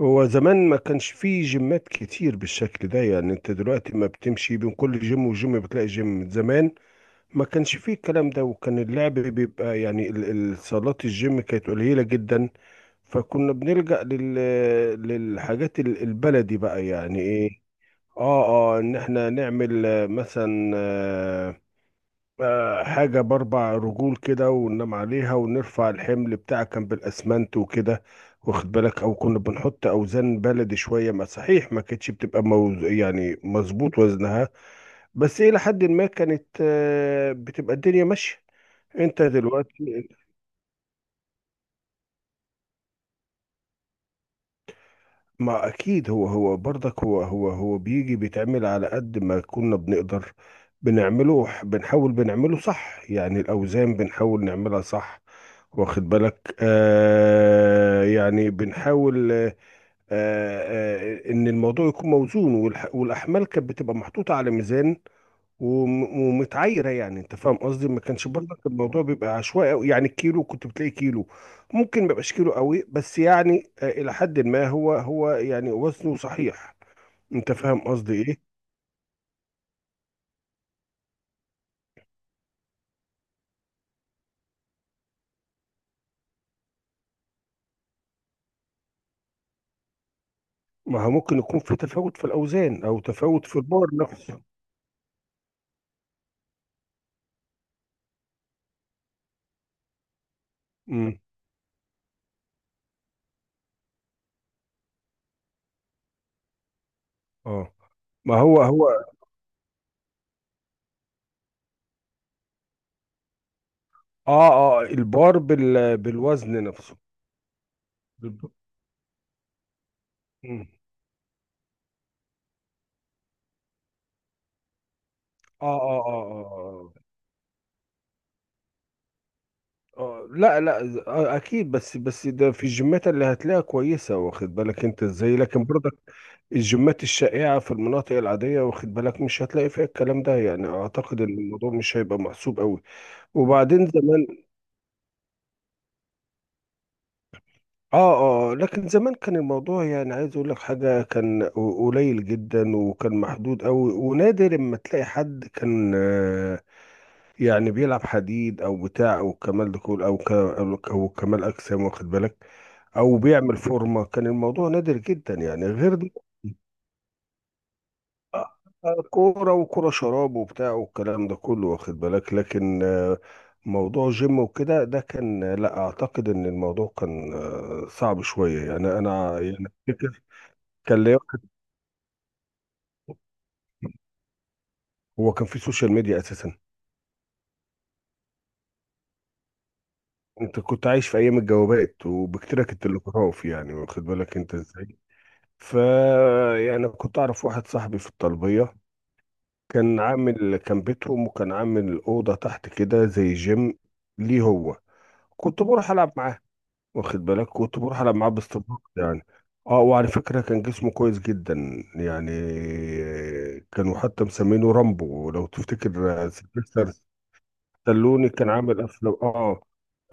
هو زمان ما كانش فيه جيمات كتير بالشكل ده، يعني انت دلوقتي ما بتمشي بين كل جيم وجيم بتلاقي جيم. زمان ما كانش فيه الكلام ده، وكان اللعب بيبقى يعني صالات الجيم كانت قليلة جدا. فكنا بنلجأ للحاجات البلدي بقى، يعني ايه. اه، اه ان احنا نعمل مثلا حاجة بأربع رجول كده وننام عليها ونرفع الحمل بتاعها، كان بالأسمنت وكده، واخد بالك. أو كنا بنحط أوزان بلدي شوية، ما صحيح ما كانتش بتبقى موز يعني مظبوط وزنها، بس إلى حد ما كانت، بتبقى الدنيا ماشية. أنت دلوقتي، ما اكيد، هو برضك هو بيجي بيتعمل على قد ما كنا بنقدر بنعمله، بنحاول بنعمله صح، يعني الاوزان بنحاول نعملها صح، واخد بالك. آه يعني بنحاول، ان الموضوع يكون موزون. والاحمال كانت بتبقى محطوطة على ميزان ومتعايره، يعني انت فاهم قصدي. ما كانش برضك الموضوع بيبقى عشوائي قوي، يعني الكيلو كنت بتلاقي كيلو ممكن ما يبقاش كيلو قوي، بس يعني الى حد ما هو يعني وزنه صحيح. انت فاهم قصدي ايه. ما هو ممكن يكون في تفاوت في الاوزان او تفاوت في البار نفسه. امم، اه. ما هو اه. اه، البار بالوزن نفسه. بالب- مم. آه. لا لا، اكيد، بس ده في الجيمات اللي هتلاقيها كويسه، واخد بالك انت ازاي، لكن برضك الجيمات الشائعه في المناطق العاديه، واخد بالك، مش هتلاقي فيها الكلام ده، يعني اعتقد ان الموضوع مش هيبقى محسوب قوي. وبعدين زمان، اه آه، لكن زمان كان الموضوع، يعني عايز اقول لك حاجه، كان قليل جدا وكان محدود قوي ونادر اما تلاقي حد كان يعني بيلعب حديد او بتاع، او كمال دخول او ك... او كمال اجسام، واخد بالك، او بيعمل فورمه. كان الموضوع نادر جدا يعني، غير دي آه، كوره وكوره شراب وبتاع والكلام ده كله، واخد بالك. لكن موضوع جيم وكده، ده كان لا اعتقد ان الموضوع كان صعب شويه يعني، انا يعني أفتكر. كان ليا واحد- هو كان في سوشيال ميديا اساسا؟ انت كنت عايش في ايام الجوابات، وبكتيرك التلغراف يعني، واخد بالك انت ازاي. ف، يعني كنت اعرف واحد صاحبي في الطلبيه، كان بيتهم، وكان عامل اوضه تحت كده زي جيم ليه هو. كنت بروح العب معاه، واخد بالك، كنت بروح العب معاه باستمرار يعني. اه، وعلى فكره كان جسمه كويس جدا يعني، كانوا حتى مسمينه رامبو، لو تفتكر سيلفستر ستالوني، كان عامل افلام. اه،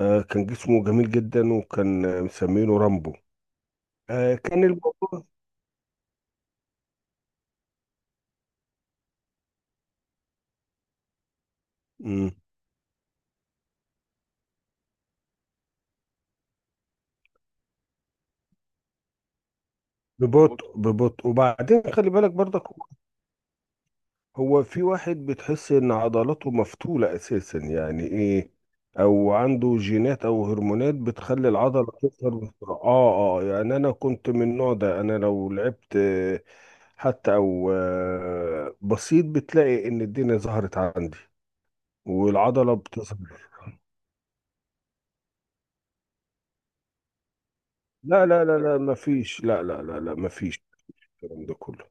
كان جسمه جميل جدا، وكان مسمينه رامبو. كان الموضوع. مم. ببطء، ببطء، وبعدين خلي بالك برضك، هو في واحد بتحس ان عضلاته مفتولة اساسا، يعني ايه، او عنده جينات او هرمونات بتخلي العضلة تظهر بسرعة، اه اه، يعني انا كنت من النوع ده. انا لو لعبت حتى او بسيط، بتلاقي ان الدنيا ظهرت عندي والعضلة بتظهر. لا لا لا لا، مفيش، لا لا لا لا، مفيش الكلام ده كله.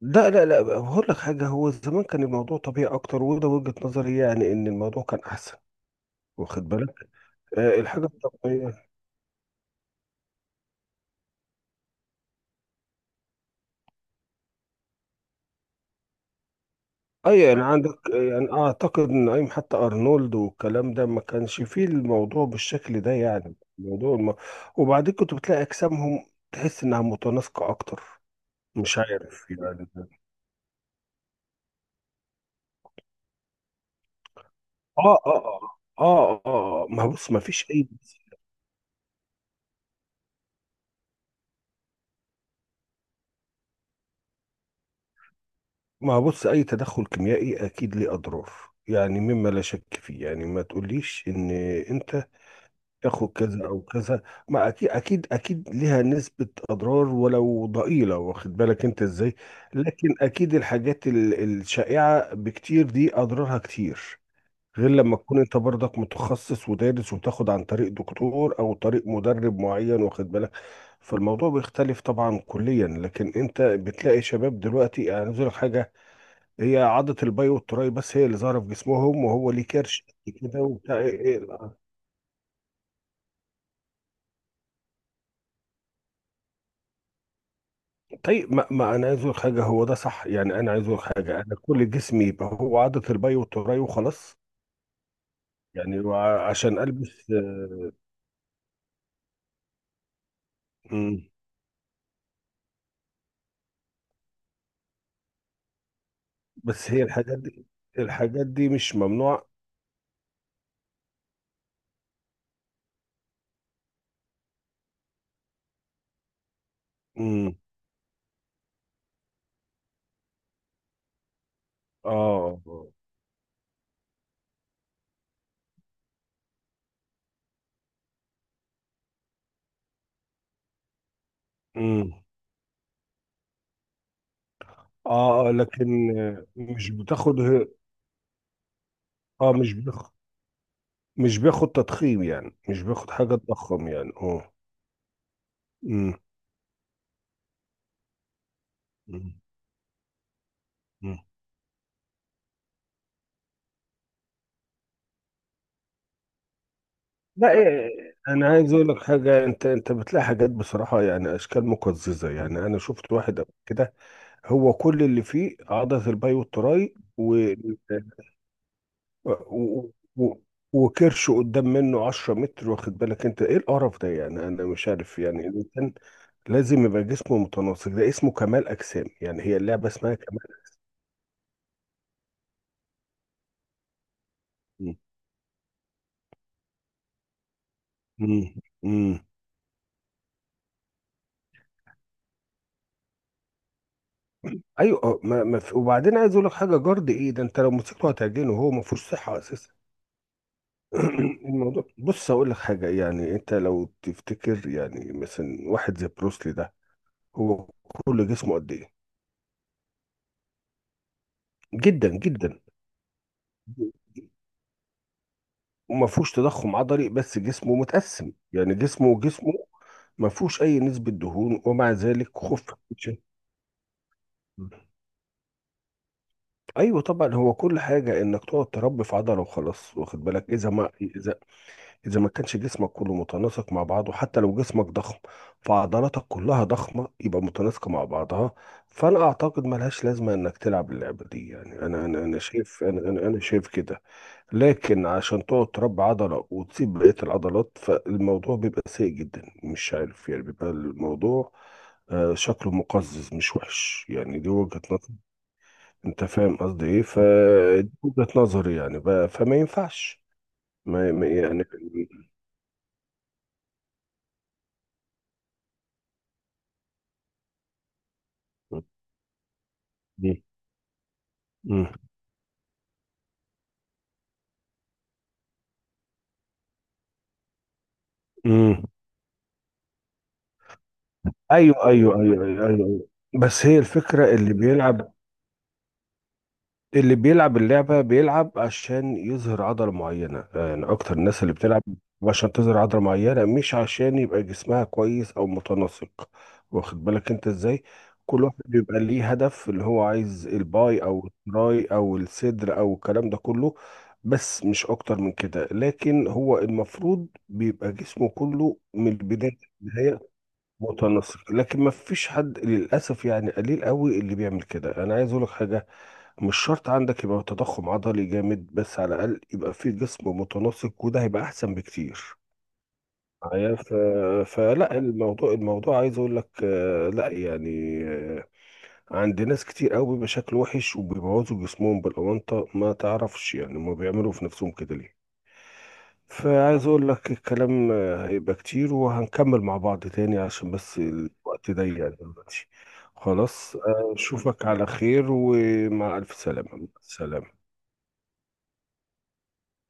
لا لا لا، هقول لك حاجة، هو زمان كان الموضوع طبيعي أكتر، وده وجهة نظري، يعني إن الموضوع كان أحسن، واخد بالك. آه، الحاجة الطبيعية. أي يعني عندك، يعني أعتقد إن أيام حتى أرنولد والكلام ده ما كانش فيه الموضوع بالشكل ده، يعني وبعدين كنت بتلاقي أجسامهم تحس إنها متناسقة أكتر، مش عارف يعني. آه آه ما بص، ما فيش أي، ما بص، اي تدخل كيميائي اكيد ليه اضرار، يعني مما لا شك فيه، يعني ما تقوليش ان انت تاخد كذا او كذا، ما اكيد اكيد اكيد ليها نسبة اضرار ولو ضئيلة، واخد بالك انت ازاي. لكن اكيد الحاجات الشائعة بكتير دي اضرارها كتير، غير لما تكون انت برضك متخصص ودارس، وتاخد عن طريق دكتور او طريق مدرب معين، واخد بالك. فالموضوع بيختلف طبعا كليا، لكن انت بتلاقي شباب دلوقتي، يعني عايز أقول لك حاجة، هي عضة الباي والتراي بس هي اللي ظاهرة في جسمهم، وهو ليه كرش كده وبتاع. إيه، إيه. طيب، ما، ما أنا عايز أقول حاجة، هو ده صح، يعني أنا عايز أقول حاجة، أنا كل جسمي يبقى هو عضة الباي والتراي وخلاص يعني؟ عشان ألبس مم. بس هي الحاجات دي، الحاجات دي مش ممنوعة. مم. آه. مم. آه لكن مش بتاخد. آه، مش بياخد، مش بياخد تضخيم، يعني مش بياخد حاجة تضخم يعني. آه. مم. مم. لا، إيه، انا عايز اقول لك حاجه، انت انت بتلاقي حاجات بصراحه، يعني اشكال مقززه، يعني انا شفت واحد قبل كده هو كل اللي فيه عضله الباي والتراي و... و... وكرش قدام منه 10 متر، واخد بالك انت ايه القرف ده يعني، انا مش عارف، يعني الانسان لازم يبقى جسمه متناسق، ده اسمه كمال اجسام، يعني هي اللعبه اسمها كمال. مم. مم. مم. ايوه، ما ما في، وبعدين عايز اقول لك حاجه، جارد ايه ده، انت لو مسكته هتعجنه، هو ما فيهوش صحه اساسا. الموضوع، بص هقول لك حاجة، يعني انت لو تفتكر، يعني مثلا واحد زي بروسلي ده، هو كل جسمه قد ايه؟ جدا جدا، وما فيهوش تضخم عضلي، بس جسمه متقسم، يعني جسمه ما فيهوش اي نسبة دهون، ومع ذلك خف. ايوه طبعا، هو كل حاجة انك تقعد تربي في عضلة وخلاص، واخد بالك. اذا، اذا ما كانش جسمك كله متناسق مع بعضه، حتى لو جسمك ضخم فعضلاتك كلها ضخمه، يبقى متناسقه مع بعضها. فانا اعتقد ملهاش لازمه انك تلعب اللعبه دي، يعني انا شايف، انا شايف كده. لكن عشان تقعد تربي عضله وتسيب بقيه العضلات، فالموضوع بيبقى سيء جدا، مش عارف يعني، بيبقى الموضوع شكله مقزز، مش وحش، يعني دي وجهة نظر. انت فاهم قصدي ايه، فدي وجهة نظري يعني بقى، فما ينفعش، يعني. مم. مم. ايوه، بس هي الفكره. اللي بيلعب اللعبه بيلعب عشان يظهر عضله معينه، يعني اكتر الناس اللي بتلعب عشان تظهر عضله معينه، مش عشان يبقى جسمها كويس او متناسق، واخد بالك انت ازاي. كل واحد بيبقى ليه هدف، اللي هو عايز الباي او التراي او الصدر او الكلام ده كله، بس مش اكتر من كده. لكن هو المفروض بيبقى جسمه كله من البدايه متناسق، لكن ما فيش حد للاسف، يعني قليل قوي اللي بيعمل كده. انا عايز اقول لك حاجه، مش شرط عندك يبقى تضخم عضلي جامد، بس على الاقل يبقى في جسم متناسق، وده هيبقى احسن بكتير معايا. فلا الموضوع، الموضوع، عايز اقول لك لا يعني عند ناس كتير قوي بيبقى شكله وحش، وبيبوظوا جسمهم بالاونطه، ما تعرفش يعني ما بيعملوا في نفسهم كده ليه. فعايز اقول لك الكلام هيبقى كتير، وهنكمل مع بعض تاني، عشان بس الوقت ضيق يعني دلوقتي. خلاص، اشوفك على خير، ومع الف سلامة. سلام.